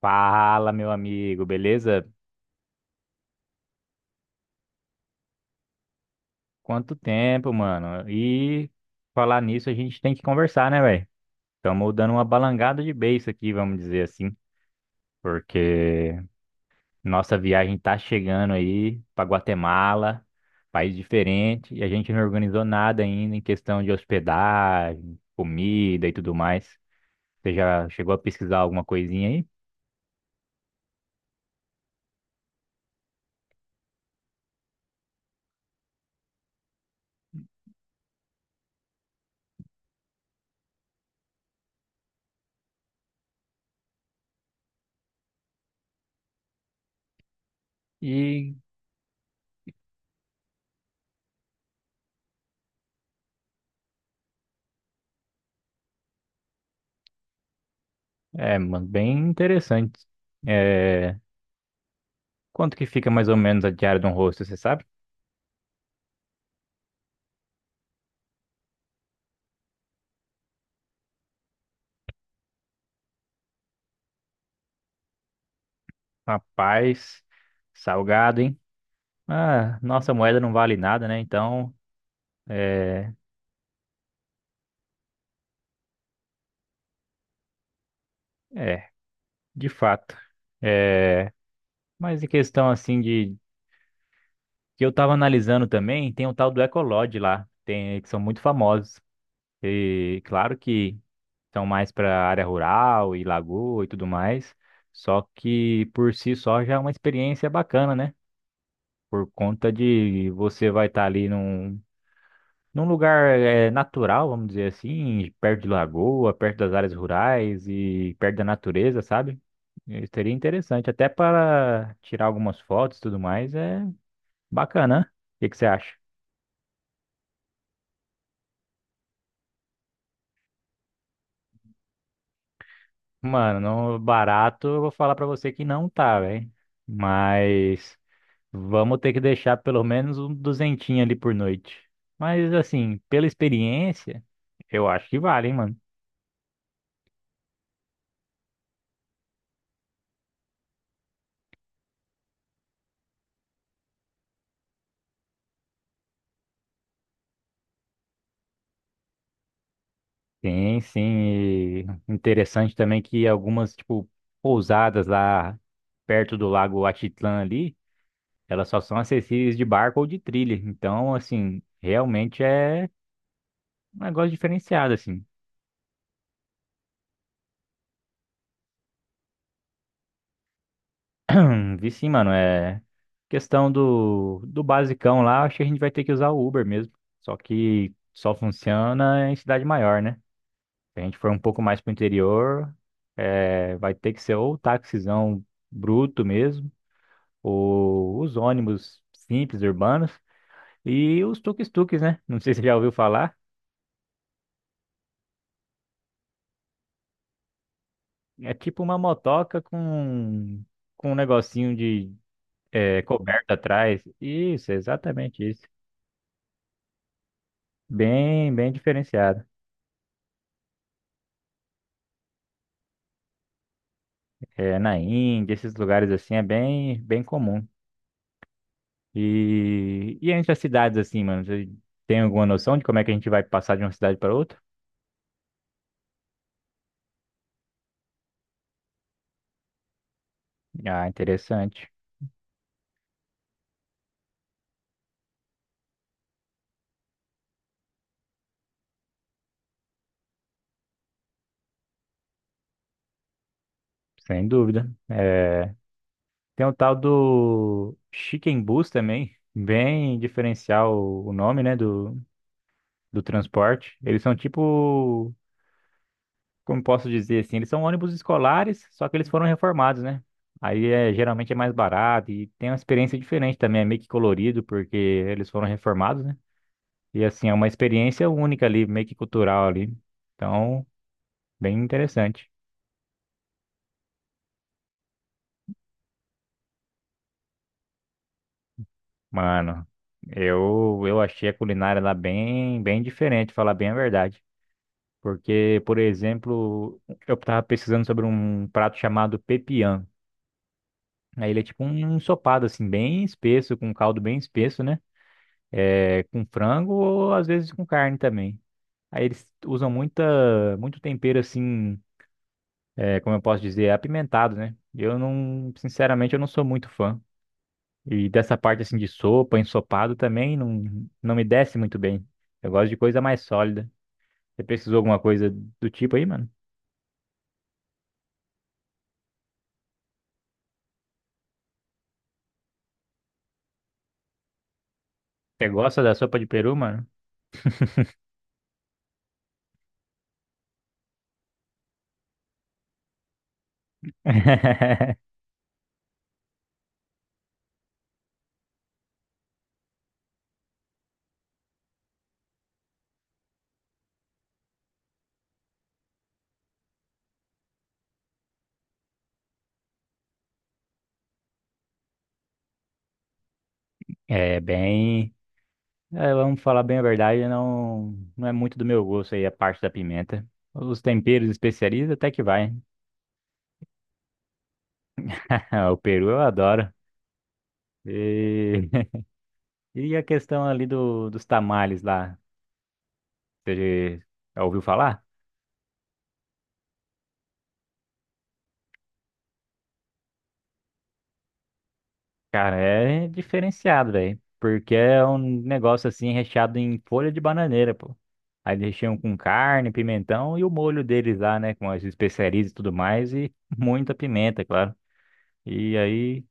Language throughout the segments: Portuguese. Fala, meu amigo, beleza? Quanto tempo, mano? E falar nisso, a gente tem que conversar, né, velho? Estamos dando uma balangada de beiço aqui, vamos dizer assim, porque nossa viagem tá chegando aí para Guatemala, país diferente, e a gente não organizou nada ainda em questão de hospedagem, comida e tudo mais. Você já chegou a pesquisar alguma coisinha aí? E é, mano, bem interessante. É, quanto que fica mais ou menos a diária de um rosto, você sabe? Rapaz, salgado, hein? Ah, nossa moeda não vale nada, né? Então, é, é, de fato. É, mas em questão assim de que eu tava analisando também, tem o tal do Ecolodge lá, tem que são muito famosos. E claro que são mais para área rural e lagoa e tudo mais, só que por si só já é uma experiência bacana, né? Por conta de você vai estar ali num lugar natural, vamos dizer assim, perto de lagoa, perto das áreas rurais e perto da natureza, sabe? Seria interessante, até para tirar algumas fotos e tudo mais, é bacana, né? O que que você acha? Mano, não barato, eu vou falar pra você que não tá, velho. Mas vamos ter que deixar pelo menos um duzentinho ali por noite. Mas assim, pela experiência, eu acho que vale, hein, mano. Sim, sim. e Interessante também que algumas, tipo, pousadas lá perto do Lago Atitlã ali, elas só são acessíveis de barco ou de trilha. Então, assim, realmente é um negócio diferenciado, assim. Vi sim, mano. É questão do basicão lá, acho que a gente vai ter que usar o Uber mesmo. Só que só funciona em cidade maior, né? Se a gente for um pouco mais pro interior, é, vai ter que ser ou táxizão bruto mesmo, os ônibus simples, urbanos, e os tuk-tuks, né? Não sei se você já ouviu falar. É tipo uma motoca com um negocinho de coberta atrás. Isso, é exatamente isso. Bem, bem diferenciado. É, na Índia, esses lugares assim é bem, bem comum. E entre as cidades assim, mano, você tem alguma noção de como é que a gente vai passar de uma cidade para outra? Ah, interessante. Sem dúvida. É, tem o tal do Chicken Bus também, bem diferencial o nome, né, do transporte. Eles são tipo, como posso dizer assim, eles são ônibus escolares, só que eles foram reformados, né? Aí é, geralmente é mais barato e tem uma experiência diferente também, é meio que colorido, porque eles foram reformados, né? E assim, é uma experiência única ali, meio que cultural ali. Então, bem interessante. Mano, eu achei a culinária lá bem, bem diferente, falar bem a verdade. Porque, por exemplo, eu estava pesquisando sobre um prato chamado pepian. Aí ele é tipo um ensopado, assim, bem espesso, com um caldo bem espesso, né? É, com frango ou às vezes com carne também. Aí eles usam muito tempero, assim, é, como eu posso dizer, apimentado, né? Eu não, sinceramente, eu não sou muito fã. E dessa parte, assim, de sopa, ensopado também não, não me desce muito bem. Eu gosto de coisa mais sólida. Você pesquisou alguma coisa do tipo aí, mano? Você gosta da sopa de peru, mano? É bem. É, vamos falar bem a verdade, não, não é muito do meu gosto aí a parte da pimenta. Os temperos e especiarias até que vai. O peru eu adoro. E, e a questão ali dos tamales lá, você já ouviu falar? Cara, é diferenciado, velho. Porque é um negócio assim recheado em folha de bananeira, pô. Aí eles recheiam com carne, pimentão e o molho deles lá, né? Com as especiarias e tudo mais e muita pimenta, claro. E aí,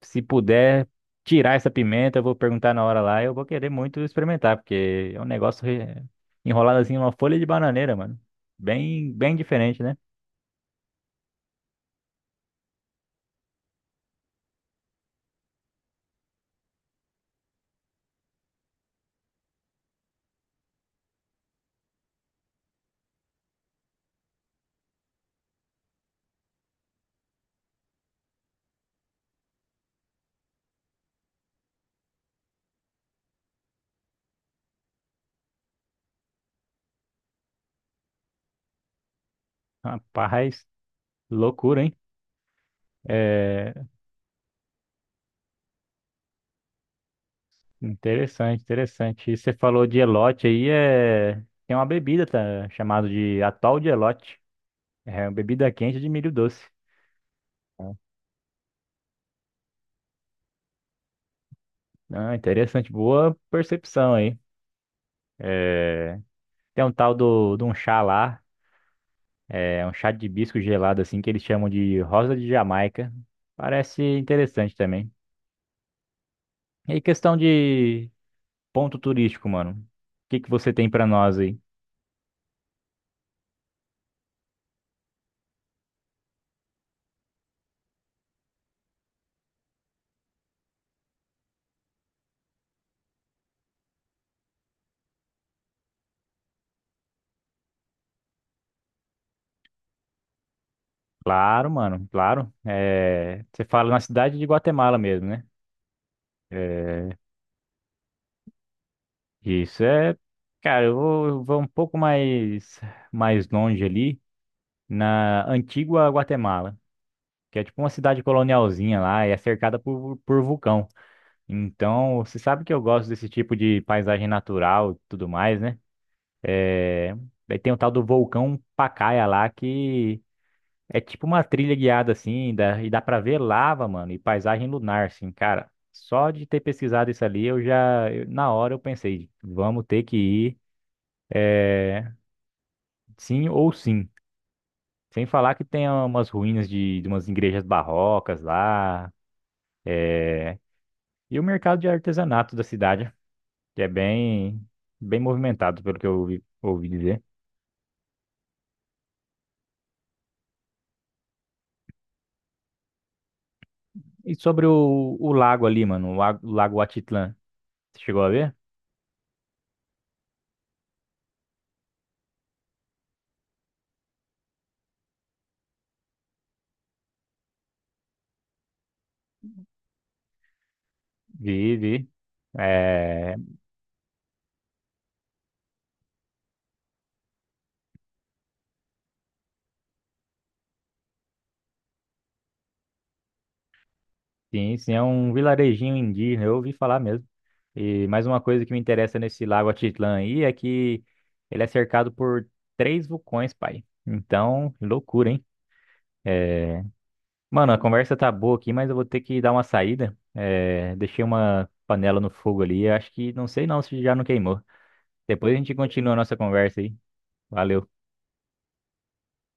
se puder tirar essa pimenta, eu vou perguntar na hora lá. Eu vou querer muito experimentar, porque é um negócio enrolado assim, numa folha de bananeira, mano. Bem, bem diferente, né? Rapaz, loucura, hein? É interessante, interessante. E você falou de elote aí, é... tem uma bebida, tá, chamada de atol de elote. É uma bebida quente de milho doce. Ah, Ah, interessante, boa percepção aí. É, tem um tal de um chá lá. É um chá de hibisco gelado, assim, que eles chamam de rosa de Jamaica. Parece interessante também. E aí, questão de ponto turístico, mano. O que que você tem pra nós aí? Claro, mano, claro. É, você fala na cidade de Guatemala mesmo, né? É, isso é... Cara, eu vou um pouco mais, mais longe ali, na Antigua Guatemala, que é tipo uma cidade colonialzinha lá e é cercada por vulcão. Então, você sabe que eu gosto desse tipo de paisagem natural e tudo mais, né? É... Daí tem o tal do vulcão Pacaya lá, que é tipo uma trilha guiada, assim, dá... e dá pra ver lava, mano, e paisagem lunar, assim, cara. Só de ter pesquisado isso ali, eu já, na hora eu pensei, vamos ter que ir, é, sim ou sim. Sem falar que tem umas ruínas de umas igrejas barrocas lá, é, e o mercado de artesanato da cidade, que é bem, bem movimentado, pelo que eu ouvi, ouvi dizer. E sobre o lago ali, mano, o lago Atitlã, você chegou a ver? Vi, vi. É, sim, sim, é um vilarejinho indígena, eu ouvi falar mesmo. E mais uma coisa que me interessa nesse lago Atitlã aí é que ele é cercado por três vulcões, pai. Então, loucura, hein? É, mano, a conversa tá boa aqui, mas eu vou ter que dar uma saída. É, deixei uma panela no fogo ali, acho que, não sei não se já não queimou. Depois a gente continua a nossa conversa aí. Valeu.